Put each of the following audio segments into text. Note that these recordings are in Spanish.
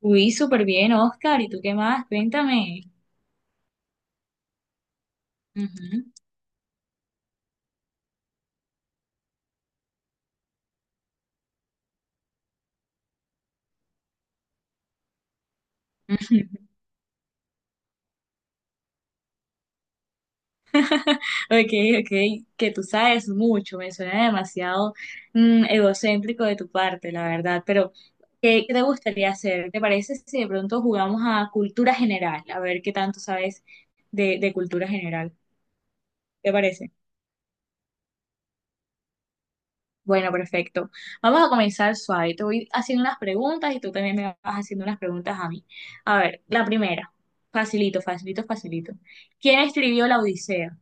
Uy, súper bien, Oscar. ¿Y tú qué más? Cuéntame. Ujú. Ok, ok, que tú sabes mucho, me suena demasiado egocéntrico de tu parte, la verdad, pero ¿qué te gustaría hacer? ¿Te parece si de pronto jugamos a cultura general? A ver qué tanto sabes de cultura general, ¿te parece? Bueno, perfecto. Vamos a comenzar suave. Te voy haciendo unas preguntas y tú también me vas haciendo unas preguntas a mí. A ver, la primera, facilito, facilito, facilito. ¿Quién escribió la Odisea?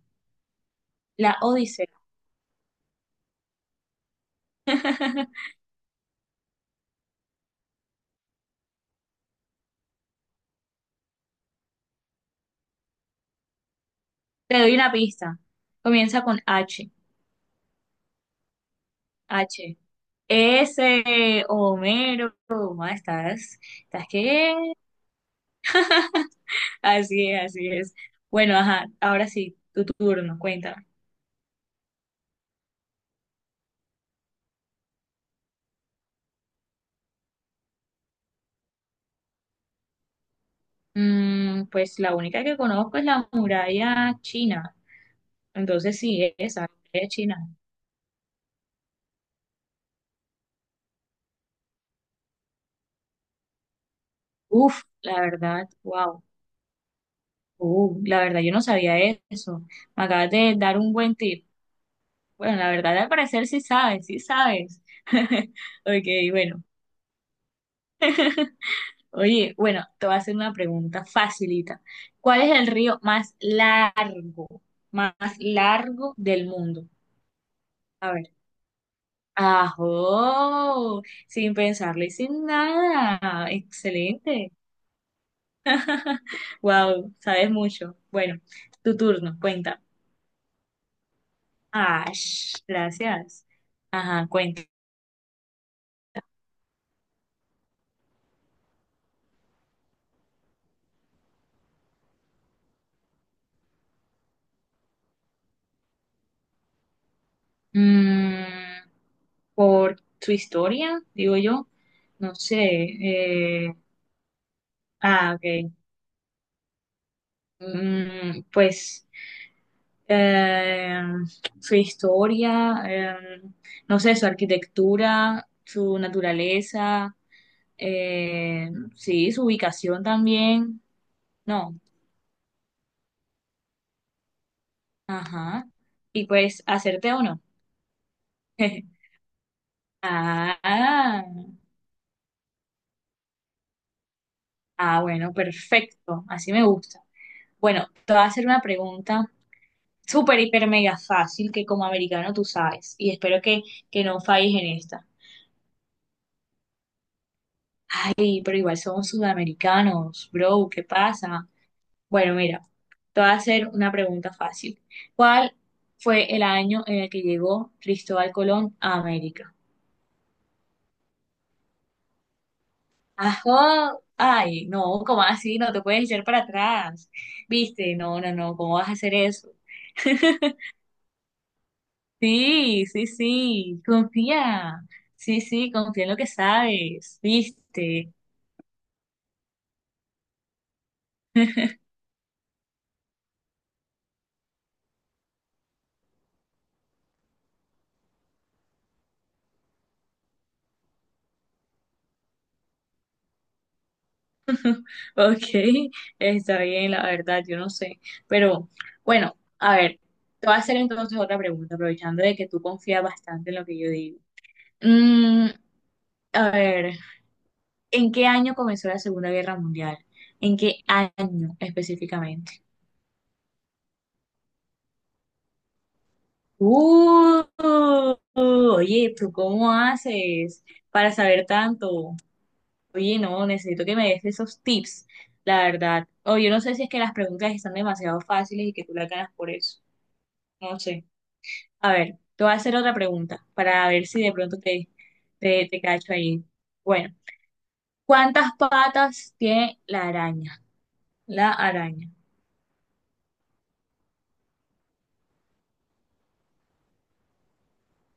La Odisea. Te doy una pista. Comienza con H. H. S. Homero. ¿Estás? ¿Estás qué? Así es, así es. Bueno, ajá. Ahora sí, tu turno. Cuéntame. Mm, pues la única que conozco es la muralla china. Entonces sí, esa, la muralla china. Uf, la verdad, wow. La verdad, yo no sabía eso. Me acabas de dar un buen tip. Bueno, la verdad, al parecer sí sabes, sí sabes. Ok, bueno. Oye, bueno, te voy a hacer una pregunta facilita. ¿Cuál es el río más largo del mundo? A ver. ¡Ajo! Sin pensarlo y sin nada. Excelente. Wow, sabes mucho. Bueno, tu turno, cuenta. Ah, gracias. Ajá, cuenta. Mm, por su historia, digo yo. No sé. Ah, ok. Mm, pues. eh, Su historia, no sé, su arquitectura, su naturaleza, eh, sí, su ubicación también. No, ajá. Y pues, hacerte o no. Ah, ah, bueno, perfecto. Así me gusta. Bueno, te voy a hacer una pregunta súper, hiper, mega fácil que como americano tú sabes. Y espero que no falles en esta. Ay, pero igual somos sudamericanos, bro. ¿Qué pasa? Bueno, mira, te voy a hacer una pregunta fácil. ¿Cuál fue el año en el que llegó Cristóbal Colón a América? ¡Ajá! Ay, no, ¿cómo así? No te puedes echar para atrás. ¿Viste? No, no, no, ¿cómo vas a hacer eso? Sí, sí, sí, confía. Sí, sí, confía en lo que sabes, ¿viste? Ok, está bien, la verdad, yo no sé. Pero bueno, a ver, te voy a hacer entonces otra pregunta, aprovechando de que tú confías bastante en lo que yo digo. Mm, a ver, ¿en qué año comenzó la Segunda Guerra Mundial? ¿En qué año específicamente? Uh, oye, ¿tú cómo haces para saber tanto? Oye, no, necesito que me des esos tips, la verdad. O yo no sé si es que las preguntas están demasiado fáciles y que tú las ganas por eso. No sé. A ver, te voy a hacer otra pregunta para ver si de pronto te cacho ahí. Bueno, ¿cuántas patas tiene la araña? La araña.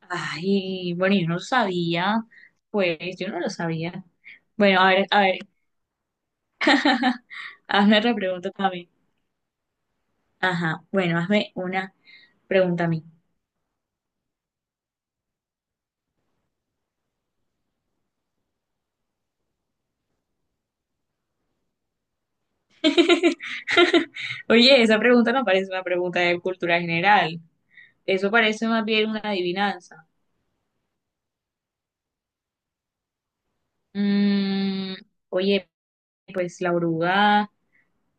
Ay, bueno, yo no lo sabía. Pues yo no lo sabía. Bueno, a ver, hazme otra pregunta también. Ajá, bueno, hazme una pregunta a mí. Oye, esa pregunta no parece una pregunta de cultura general. Eso parece más bien una adivinanza. Mm, oye, pues la oruga,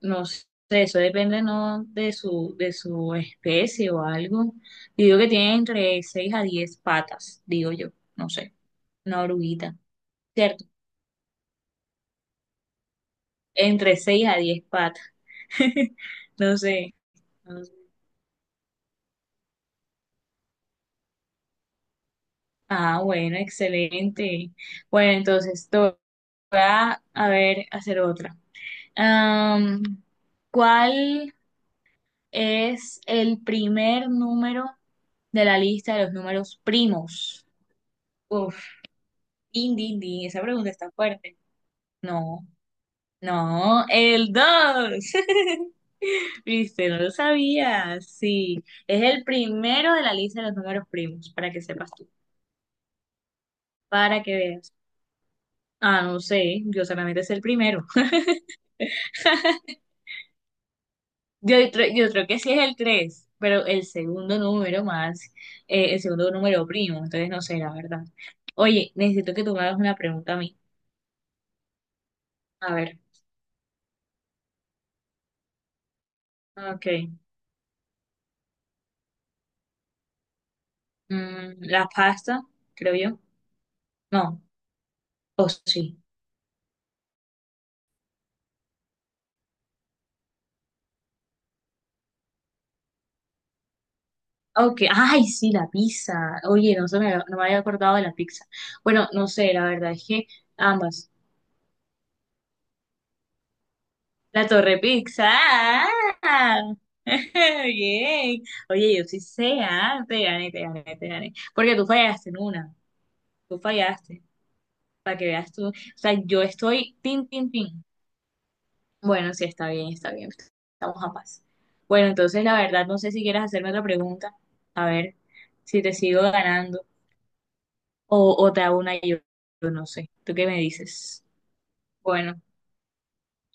no sé, eso depende no de su especie o algo. Yo digo que tiene entre 6 a 10 patas, digo yo, no sé, una oruguita. ¿Cierto? Entre 6 a 10 patas. No sé. No sé. Ah, bueno, excelente. Bueno, entonces te voy a ver, hacer otra. Am, ¿cuál es el primer número de la lista de los números primos? Uf, din, din, din, esa pregunta está fuerte. No, no, el 2 Viste, no lo sabía. Sí, es el primero de la lista de los números primos, para que sepas. Para que veas. Ah, no sé, yo solamente sé el primero. Yo, yo creo que sí es el 3 pero el segundo número más, el segundo número primo, entonces no sé, la verdad. Oye, necesito que tú me hagas una pregunta a mí. A ver, ok. Mm, la pasta, creo yo. No, o sí. Ok, ay, sí, la pizza. Oye, no, no me había acordado de la pizza. Bueno, no sé, la verdad es que ambas. La Torre Pizza. ¡Ah! Bien. Oye, yo sí sé, ah, te gané, te gané, te gané. Porque tú fallaste en una. Tú fallaste. Para que veas tú. O sea, yo estoy tin, tin, tin. Bueno, sí, está bien, está bien. Estamos a paz. Bueno, entonces la verdad, no sé si quieres hacerme otra pregunta. A ver si te sigo ganando. O te hago una yo. Yo no sé. ¿Tú qué me dices? Bueno,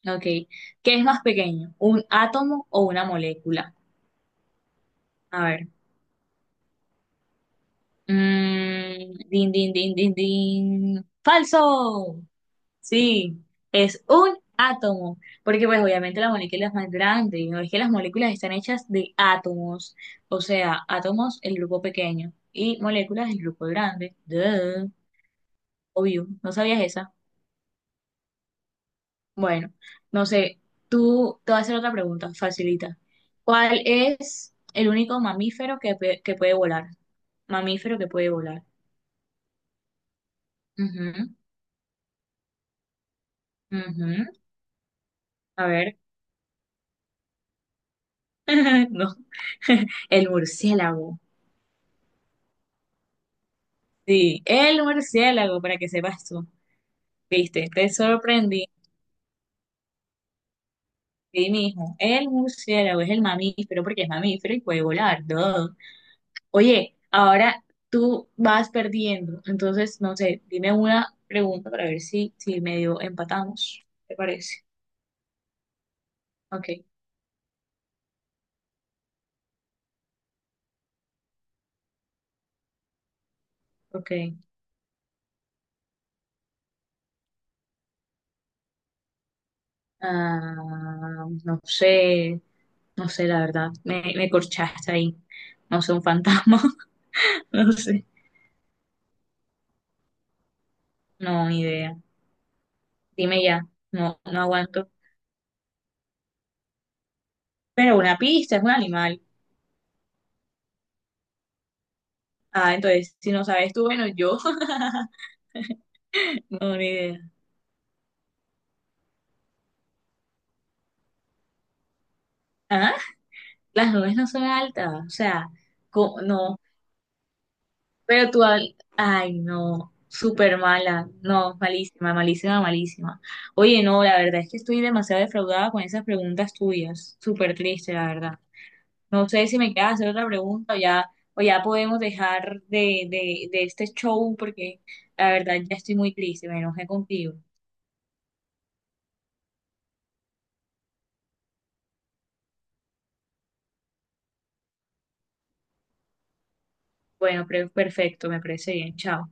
ok. ¿Qué es más pequeño? ¿Un átomo o una molécula? A ver. Mm, din, din, din, din, din. Falso. Sí, es un átomo. Porque pues obviamente la molécula es más grande. No es que las moléculas están hechas de átomos. O sea, átomos, el grupo pequeño. Y moléculas, el grupo grande. Duh. Obvio, ¿no sabías esa? Bueno, no sé. Tú te voy a hacer otra pregunta, facilita. ¿Cuál es el único mamífero que puede volar? Mamífero que puede volar. Ujú, ujú. A ver. No, el murciélago. Sí, el murciélago, para que sepas tú. Viste, te sorprendí. Sí, mijo, el murciélago es el mamífero porque es mamífero y puede volar. Todo. Oye, ahora tú vas perdiendo. Entonces, no sé, dime una pregunta para ver si medio empatamos. ¿Te parece? Ok, ok. Ah, no sé, no sé, la verdad. Me corchaste ahí. No sé, un fantasma. No sé. No, ni idea. Dime ya, no aguanto. Pero una pista es un animal. Ah, entonces, si no sabes tú, bueno, yo no, ni idea. Ah, las nubes no son altas, o sea, no, pero tú, ay, no, súper mala, no, malísima, malísima, malísima. Oye, no, la verdad es que estoy demasiado defraudada con esas preguntas tuyas, súper triste, la verdad. No sé si me queda hacer otra pregunta o ya podemos dejar de este show porque la verdad ya estoy muy triste, me enojé contigo. Bueno, perfecto, me parece bien. Chao.